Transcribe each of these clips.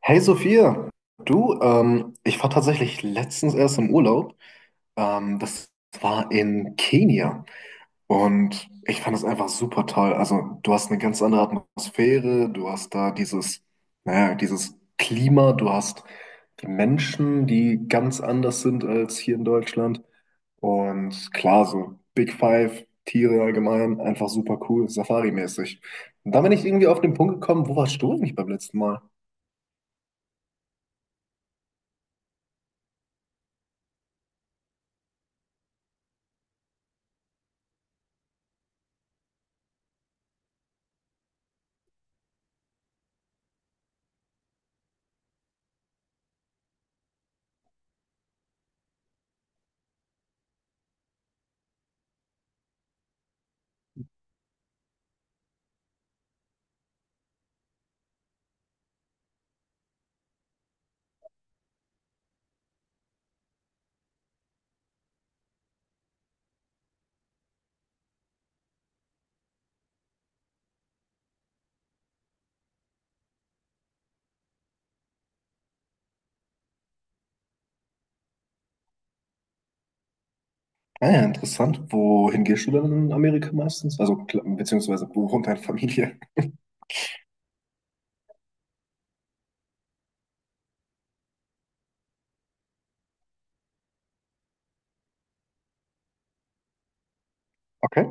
Hey Sophia, du, ich war tatsächlich letztens erst im Urlaub. Das war in Kenia und ich fand es einfach super toll. Also du hast eine ganz andere Atmosphäre, du hast da dieses, naja, dieses Klima, du hast die Menschen, die ganz anders sind als hier in Deutschland. Und klar, so Big Five, Tiere allgemein, einfach super cool, Safari-mäßig. Und da bin ich irgendwie auf den Punkt gekommen, wo warst du eigentlich beim letzten Mal? Ah ja, interessant. Wohin gehst du dann in Amerika meistens? Also, beziehungsweise, wo wohnt deine Familie? Okay.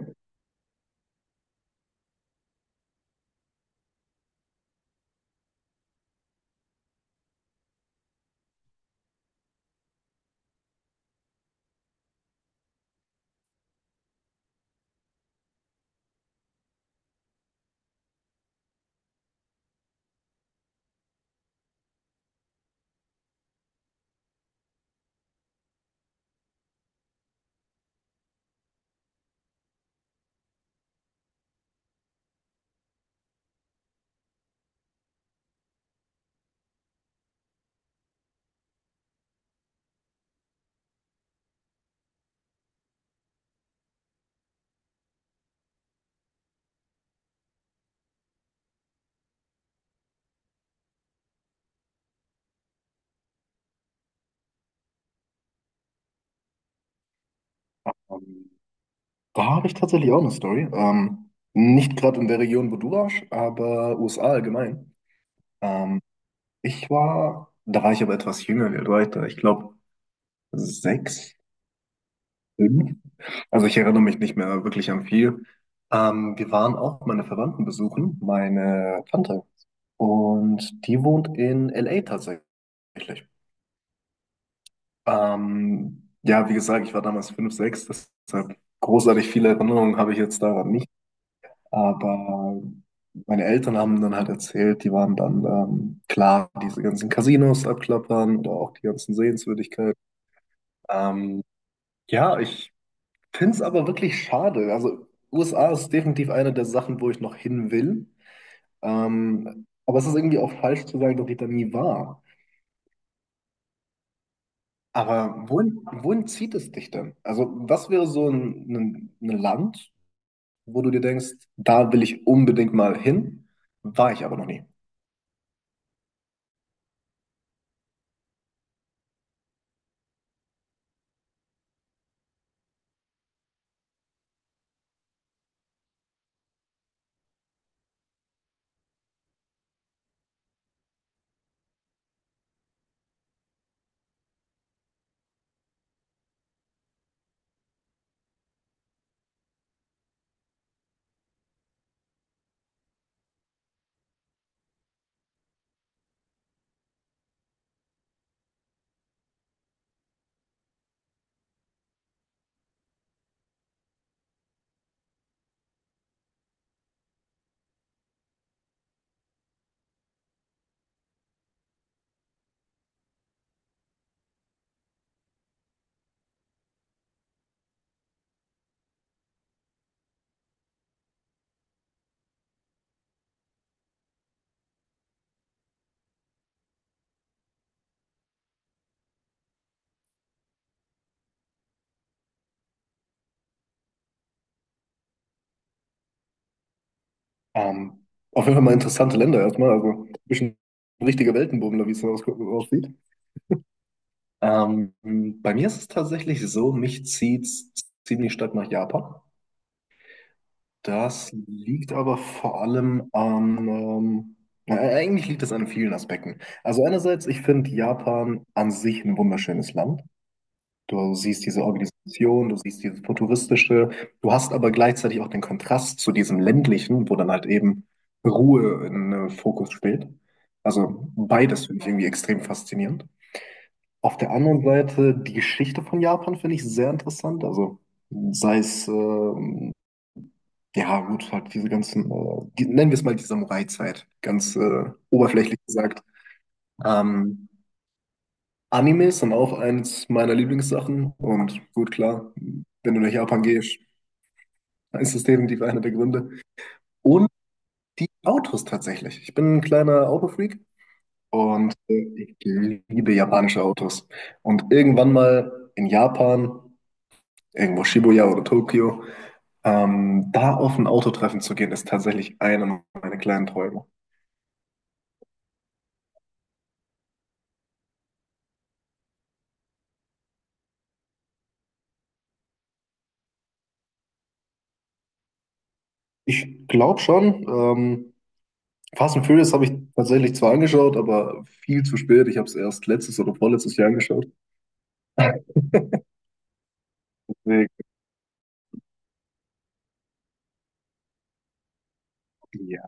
Ähm, Da habe ich tatsächlich auch eine Story. Nicht gerade in der Region, wo du warst, aber USA allgemein. Ähm, Da war ich aber etwas jünger, wie alt war ich da? Ich glaube, sechs, fünf. Also, ich erinnere mich nicht mehr wirklich an viel. Wir waren auch meine Verwandten besuchen, meine Tante. Und die wohnt in LA tatsächlich. Ja, wie gesagt, ich war damals 5 6, deshalb großartig viele Erinnerungen habe ich jetzt daran nicht. Aber meine Eltern haben dann halt erzählt, die waren dann klar, diese ganzen Casinos abklappern oder auch die ganzen Sehenswürdigkeiten. Ähm, ja, ich finde es aber wirklich schade. Also USA ist definitiv eine der Sachen, wo ich noch hin will. Aber es ist irgendwie auch falsch zu sagen, dass ich da nie war. Aber wohin zieht es dich denn? Also was wäre so ein Land, wo du dir denkst, da will ich unbedingt mal hin, war ich aber noch nie. Ähm, auf jeden Fall mal interessante Länder erstmal, also ein bisschen richtige Weltenbummler, wie es so aussieht. Ähm, Bei mir ist es tatsächlich so, mich zieht ziemlich stark nach Japan. Das liegt aber vor allem an, na, eigentlich liegt es an vielen Aspekten. Also einerseits, ich finde Japan an sich ein wunderschönes Land. Du siehst diese Organisation, du siehst dieses Futuristische, du hast aber gleichzeitig auch den Kontrast zu diesem ländlichen, wo dann halt eben Ruhe in Fokus steht. Also beides finde ich irgendwie extrem faszinierend. Auf der anderen Seite, die Geschichte von Japan finde ich sehr interessant. Also sei es, ja gut, halt diese ganzen, die, nennen wir es mal die Samurai-Zeit, ganz oberflächlich gesagt. Ähm, Animes sind auch eins meiner Lieblingssachen und gut, klar, wenn du nach Japan gehst, dann ist das definitiv einer der Gründe. Und die Autos tatsächlich. Ich bin ein kleiner Autofreak und ich liebe japanische Autos. Und irgendwann mal in Japan, irgendwo Shibuya oder Tokio, da auf ein Autotreffen zu gehen, ist tatsächlich einer meiner kleinen Träume. Ich glaube schon, Fast and Furious habe ich tatsächlich zwar angeschaut, aber viel zu spät. Ich habe es erst letztes oder vorletztes Jahr angeschaut. Wild. Ja,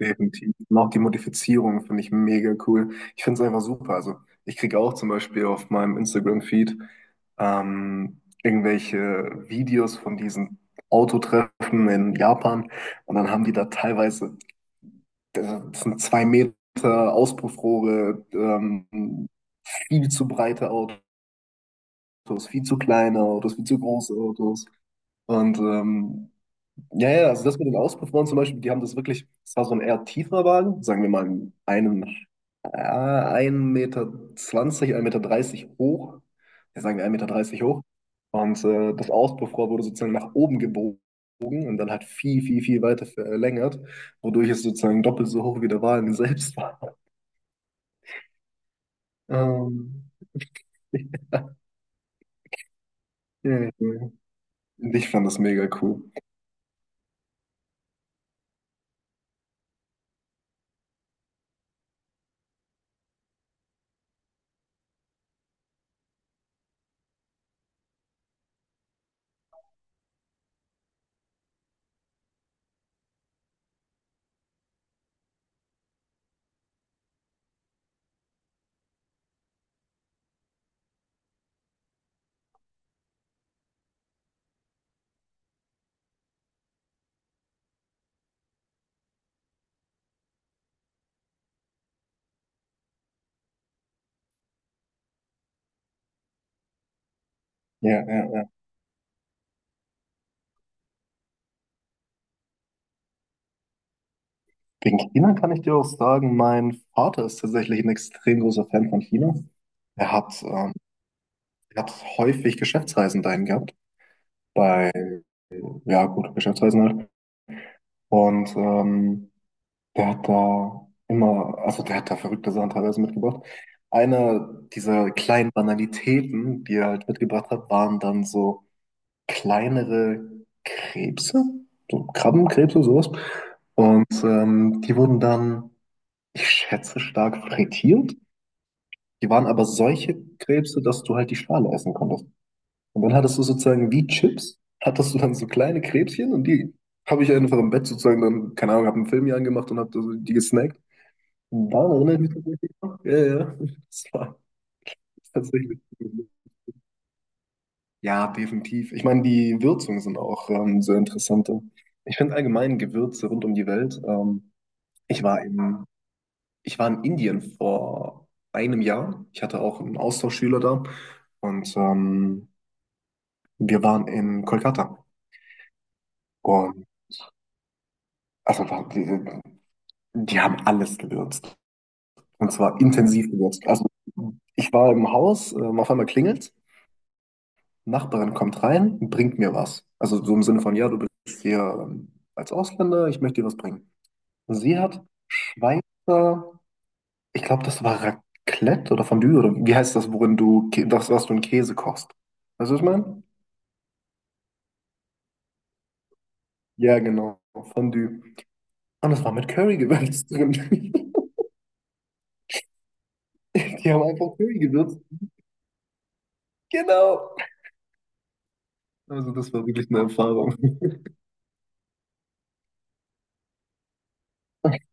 definitiv. Und auch die Modifizierung finde ich mega cool. Ich finde es einfach super. Also ich kriege auch zum Beispiel auf meinem Instagram-Feed irgendwelche Videos von diesen Autotreffen in Japan und dann haben die da teilweise, das sind zwei Meter Auspuffrohre, viel zu breite Autos, viel zu kleine Autos, viel zu große Autos. Und ja, ja, also das mit den Auspuffrohren zum Beispiel, die haben das wirklich, es war so ein eher tieferer Wagen, sagen wir mal einen 1,20 Meter, 1,30 Meter dreißig hoch, ja, sagen wir 1,30 Meter dreißig hoch. Und das Auspuffrohr wurde sozusagen nach oben gebogen und dann halt viel, viel, viel weiter verlängert, wodurch es sozusagen doppelt so hoch wie der Wagen selbst war. Ähm, ja, ja. Ich fand das mega cool. Ja, ja, ja. Wegen China kann ich dir auch sagen, mein Vater ist tatsächlich ein extrem großer Fan von China. Er hat, ähm, er hat häufig Geschäftsreisen dahin gehabt, bei, ja gut, Geschäftsreisen halt. Und der hat da immer, also der hat da verrückte Sachen teilweise mitgebracht. Eine dieser kleinen Banalitäten, die er halt mitgebracht hat, waren dann so kleinere Krebse, so Krabbenkrebse, sowas. Und die wurden dann, ich schätze, stark frittiert. Die waren aber solche Krebse, dass du halt die Schale essen konntest. Und dann hattest du sozusagen wie Chips, hattest du dann so kleine Krebschen und die habe ich einfach im Bett sozusagen dann, keine Ahnung, habe einen Film hier angemacht und habe die gesnackt. Daran erinnere ich mich tatsächlich noch. Ja, ja, ja. Das war tatsächlich. Ja, definitiv. Ich meine, die Würzungen sind auch sehr interessant. Ich finde allgemein Gewürze rund um die Welt. Ich war in, Ich war in Indien vor einem Jahr. Ich hatte auch einen Austauschschüler da und wir waren in Kolkata und also die haben alles gewürzt. Und zwar intensiv gewürzt. Also ich war im Haus, auf einmal klingelt, Nachbarin kommt rein, bringt mir was. Also so im Sinne von, ja, du bist hier als Ausländer, ich möchte dir was bringen. Und sie hat Schweizer, ich glaube, das war Raclette oder Fondue oder wie heißt das, worin du, das, was du in Käse kochst. Weißt du, was ich meine? Ja, genau, Fondue. Und das war mit Curry gewürzt drin. Die haben einfach Curry gewürzt. Genau. Also das war wirklich eine Erfahrung.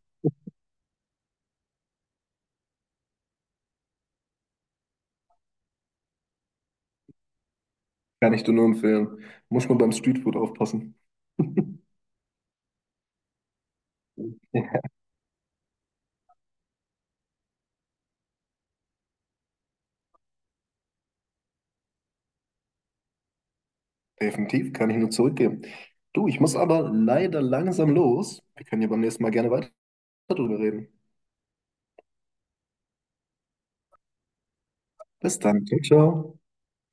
Kann ich dir nur empfehlen. Muss man beim Streetfood aufpassen. Definitiv, kann ich nur zurückgeben. Du, ich muss aber leider langsam los. Wir können ja beim nächsten Mal gerne weiter drüber reden. Bis dann. Ciao, ciao.